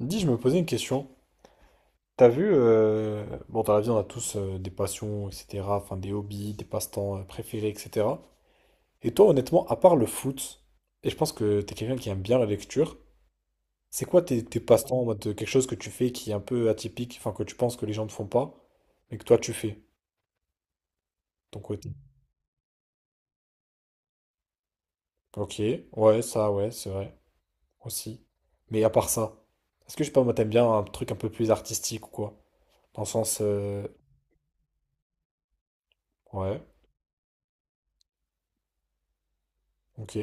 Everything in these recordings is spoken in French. Dis, je me posais une question. T'as vu, bon, dans la vie, on a tous des passions, etc., enfin des hobbies, des passe-temps préférés, etc. Et toi, honnêtement, à part le foot, et je pense que t'es quelqu'un qui aime bien la lecture, c'est quoi tes, tes passe-temps en mode quelque chose que tu fais qui est un peu atypique, enfin que tu penses que les gens ne font pas, mais que toi tu fais, de ton côté? Ok, ouais, ça, ouais, c'est vrai, aussi. Mais à part ça, est-ce que je sais pas, moi, t'aimes bien un truc un peu plus artistique ou quoi? Dans le sens, ouais, ok,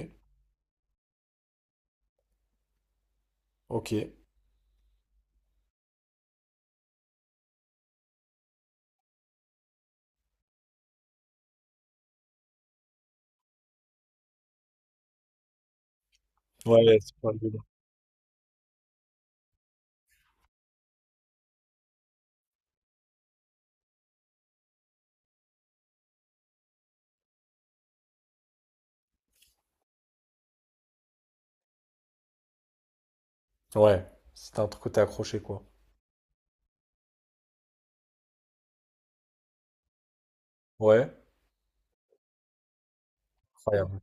ok. Ouais, c'est pas le... Ouais, c'était un truc où t'es accroché, quoi. Ouais, incroyable.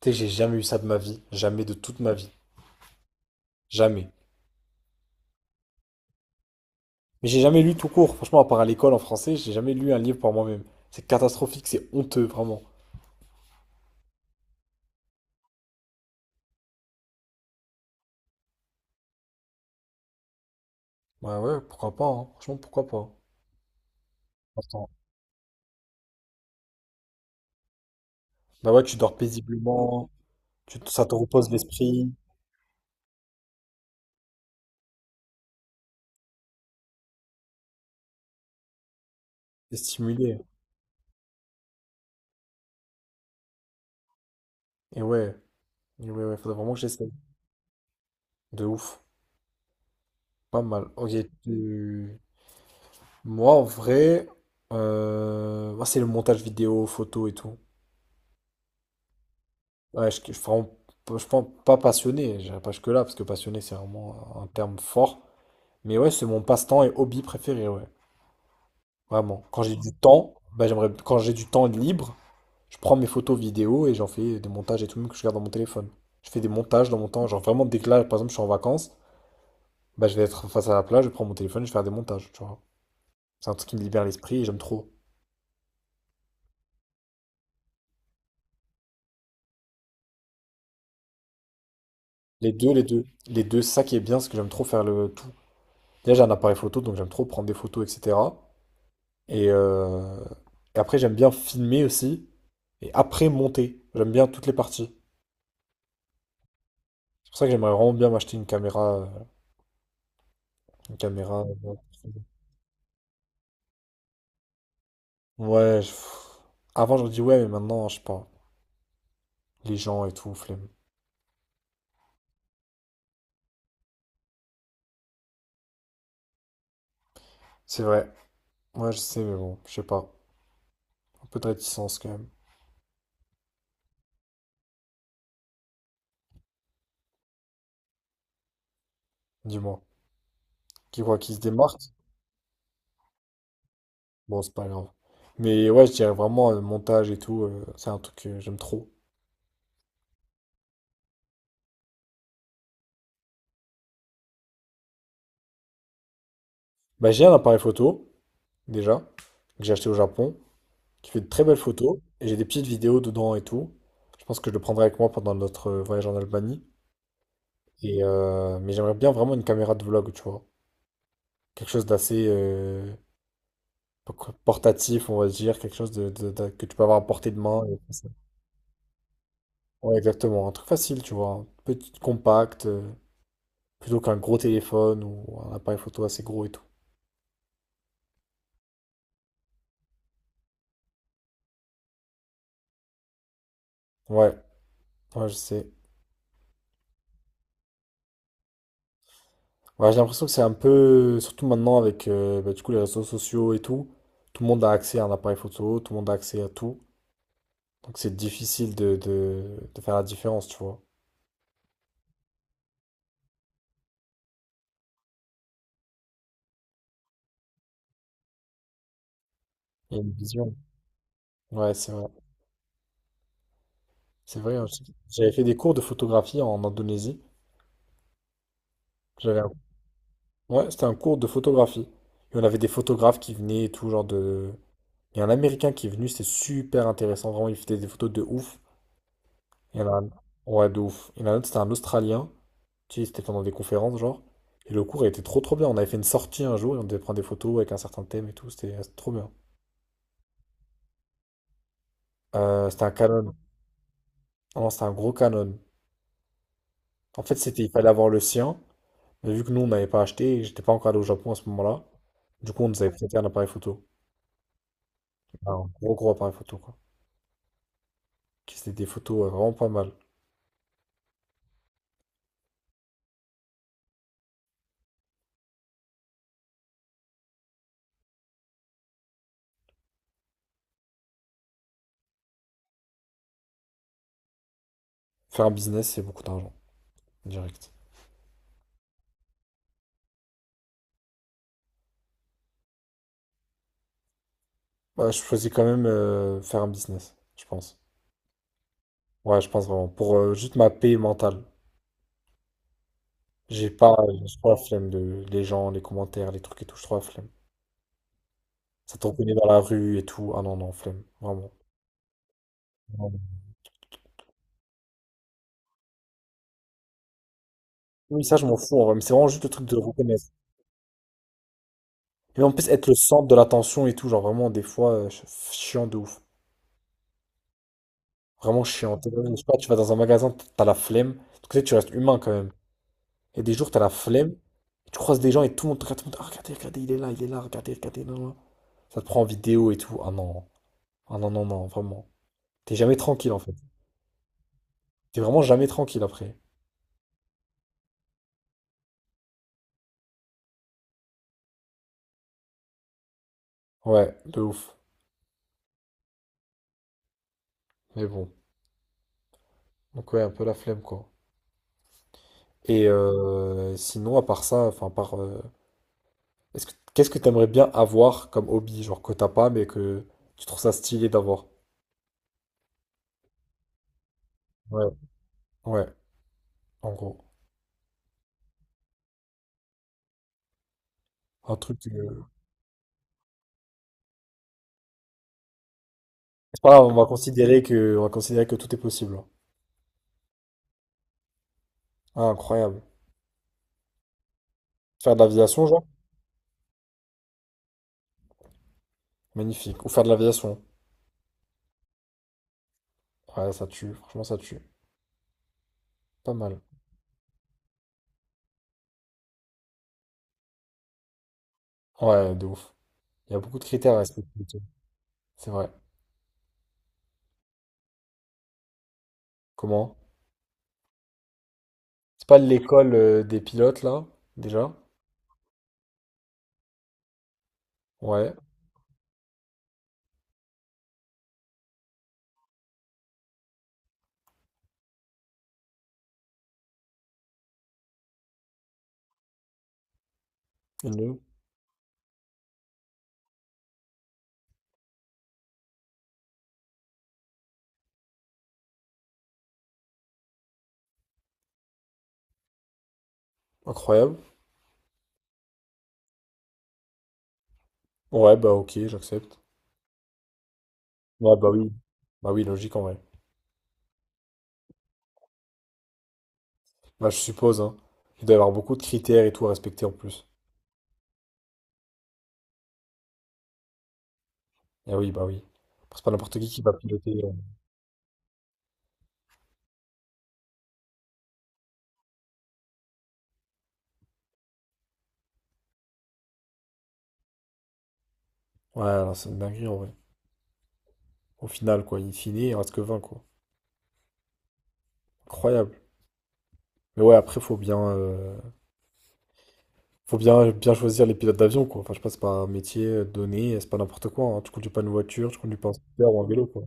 Tu sais, j'ai jamais eu ça de ma vie, jamais de toute ma vie, jamais. Mais j'ai jamais lu tout court, franchement, à part à l'école en français, j'ai jamais lu un livre par moi-même. C'est catastrophique, c'est honteux, vraiment. Ouais, ouais, pourquoi pas, hein. Franchement, pourquoi pas. Attends. Bah ouais, tu dors paisiblement, tu ça te repose l'esprit, t'es stimulé. Et ouais, et ouais, ouais, faudrait vraiment que j'essaye. De ouf, pas mal. Ok, tu... moi en vrai, moi c'est le montage vidéo, photo et tout. Ouais, je pense pas passionné, j'irai pas jusque-là, parce que passionné, c'est vraiment un terme fort. Mais ouais, c'est mon passe-temps et hobby préféré, ouais. Vraiment. Quand j'ai du temps, bah, j'aimerais, quand j'ai du temps libre, je prends mes photos vidéo et j'en fais des montages et tout, même que je garde dans mon téléphone. Je fais des montages dans mon temps. Genre vraiment, dès que là, par exemple, je suis en vacances, bah, je vais être face à la plage, je prends mon téléphone, je vais faire des montages, tu vois. C'est un truc qui me libère l'esprit et j'aime trop. Les deux, les deux. Les deux, c'est ça qui est bien, c'est que j'aime trop faire le tout. Déjà, j'ai un appareil photo, donc j'aime trop prendre des photos, etc. Et, euh, et après, j'aime bien filmer aussi. Et après, monter. J'aime bien toutes les parties. C'est pour ça que j'aimerais vraiment bien m'acheter une caméra. Une caméra. Ouais, pff. Avant, j'aurais dit ouais, mais maintenant, je sais pas. Les gens et tout, flemme. C'est vrai. Ouais, je sais, mais bon, je sais pas. Un peu de réticence quand même. Dis-moi. Qui quoi, qui se démarque? Bon, c'est pas grave. Mais ouais, je dirais vraiment montage et tout. C'est un truc que j'aime trop. Bah, j'ai un appareil photo, déjà, que j'ai acheté au Japon, qui fait de très belles photos. Et j'ai des petites vidéos dedans et tout. Je pense que je le prendrai avec moi pendant notre voyage en Albanie. Et, mais j'aimerais bien vraiment une caméra de vlog, tu vois. Quelque chose d'assez portatif, on va dire. Quelque chose que tu peux avoir à portée de main, et tout ça. Ouais, exactement. Un truc facile, tu vois. Un petit compact, plutôt qu'un gros téléphone ou un appareil photo assez gros et tout. Ouais, ouais, je sais. Ouais, j'ai l'impression que c'est un peu, surtout maintenant avec bah, du coup, les réseaux sociaux et tout, tout le monde a accès à un appareil photo, tout le monde a accès à tout. Donc c'est difficile de faire la différence, tu vois. Il y a une vision. Ouais, c'est vrai. C'est vrai, hein, j'avais fait des cours de photographie en Indonésie. J'avais un... Ouais, c'était un cours de photographie. Et on avait des photographes qui venaient et tout, genre de... Il y a un Américain qui est venu, c'était super intéressant. Vraiment, il faisait des photos de ouf. Il y en a un... Ouais, de ouf. Il y en a un autre, c'était un Australien. Tu sais, c'était pendant des conférences, genre. Et le cours a été trop, trop bien. On avait fait une sortie un jour et on devait prendre des photos avec un certain thème et tout. C'était trop bien. C'était un Canon. Ah non, c'était un gros Canon. En fait, c'était, il fallait avoir le sien. Mais vu que nous, on n'avait pas acheté, j'étais pas encore allé au Japon à ce moment-là. Du coup, on nous avait prêté un appareil photo. Enfin, un gros, gros appareil photo, quoi. Qui c'était des photos vraiment pas mal. Faire un business, c'est beaucoup d'argent, direct. Bah, je choisis quand même faire un business, je pense. Ouais, je pense vraiment. Pour juste ma paix mentale. J'ai pas, je trop la flemme de les gens, les commentaires, les trucs et tout, je trouve la flemme. Ça te reconnaît dans la rue et tout. Ah non, non, flemme, vraiment. Vraiment. Oui, ça, je m'en fous, en vrai, mais c'est vraiment juste le truc de reconnaître. Et en plus, être le centre de l'attention et tout, genre vraiment, des fois, chiant de ouf. Vraiment chiant. Je sais pas, tu vas dans un magasin, t'as la flemme. Parce que tu sais, tu restes humain quand même. Et des jours, t'as la flemme, tu croises des gens et tout le monde te regarde, tout le monde, ah, regardez, regardez, il est là, regardez, regardez, là, là. Ça te prend en vidéo et tout. Ah non, ah non, non, non, vraiment. T'es jamais tranquille en fait. T'es vraiment jamais tranquille après. Ouais, de ouf. Mais bon. Donc ouais, un peu la flemme quoi. Et sinon, à part ça, enfin, à part est-ce que- qu'est-ce que t'aimerais bien avoir comme hobby, genre que t'as pas, mais que tu trouves ça stylé d'avoir? Ouais. Ouais, en gros. Un truc. C'est pas grave, on va considérer que, on va considérer que tout est possible, hein. Ah, incroyable. Faire de l'aviation, genre? Magnifique. Ou faire de l'aviation. Ouais, ça tue. Franchement, ça tue. Pas mal. Ouais, de ouf. Il y a beaucoup de critères à respecter, et tout. C'est vrai. Comment? C'est pas l'école des pilotes, là, déjà? Ouais. Une. Incroyable. Ouais, bah ok, j'accepte. Ouais, bah oui. Bah oui, logique en vrai. Bah, je suppose, hein. Il doit y avoir beaucoup de critères et tout à respecter en plus. Ah oui, bah oui. C'est pas n'importe qui va piloter, Ouais, alors c'est une dinguerie en vrai. Au final, quoi, in fine, il reste que 20 quoi. Incroyable. Mais ouais, après, faut bien, bien choisir les pilotes d'avion, quoi. Enfin, je sais pas, c'est pas un métier donné, c'est pas n'importe quoi, hein. Tu conduis pas une voiture, tu conduis pas un scooter ou un vélo, quoi.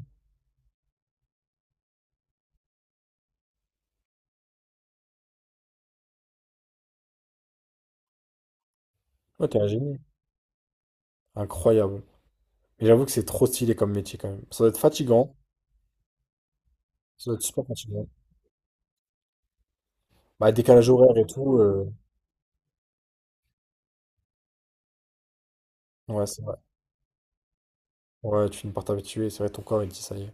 Ouais, t'es un génie. Incroyable. Mais j'avoue que c'est trop stylé comme métier, quand même. Ça doit être fatigant. Ça doit être super fatigant. Bah, décalage horaire et tout. Ouais, c'est vrai. Ouais, tu finis par t'habituer. C'est vrai, ton corps, il dit ça y est.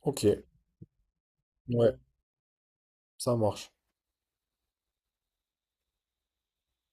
Ok, ouais, ça marche.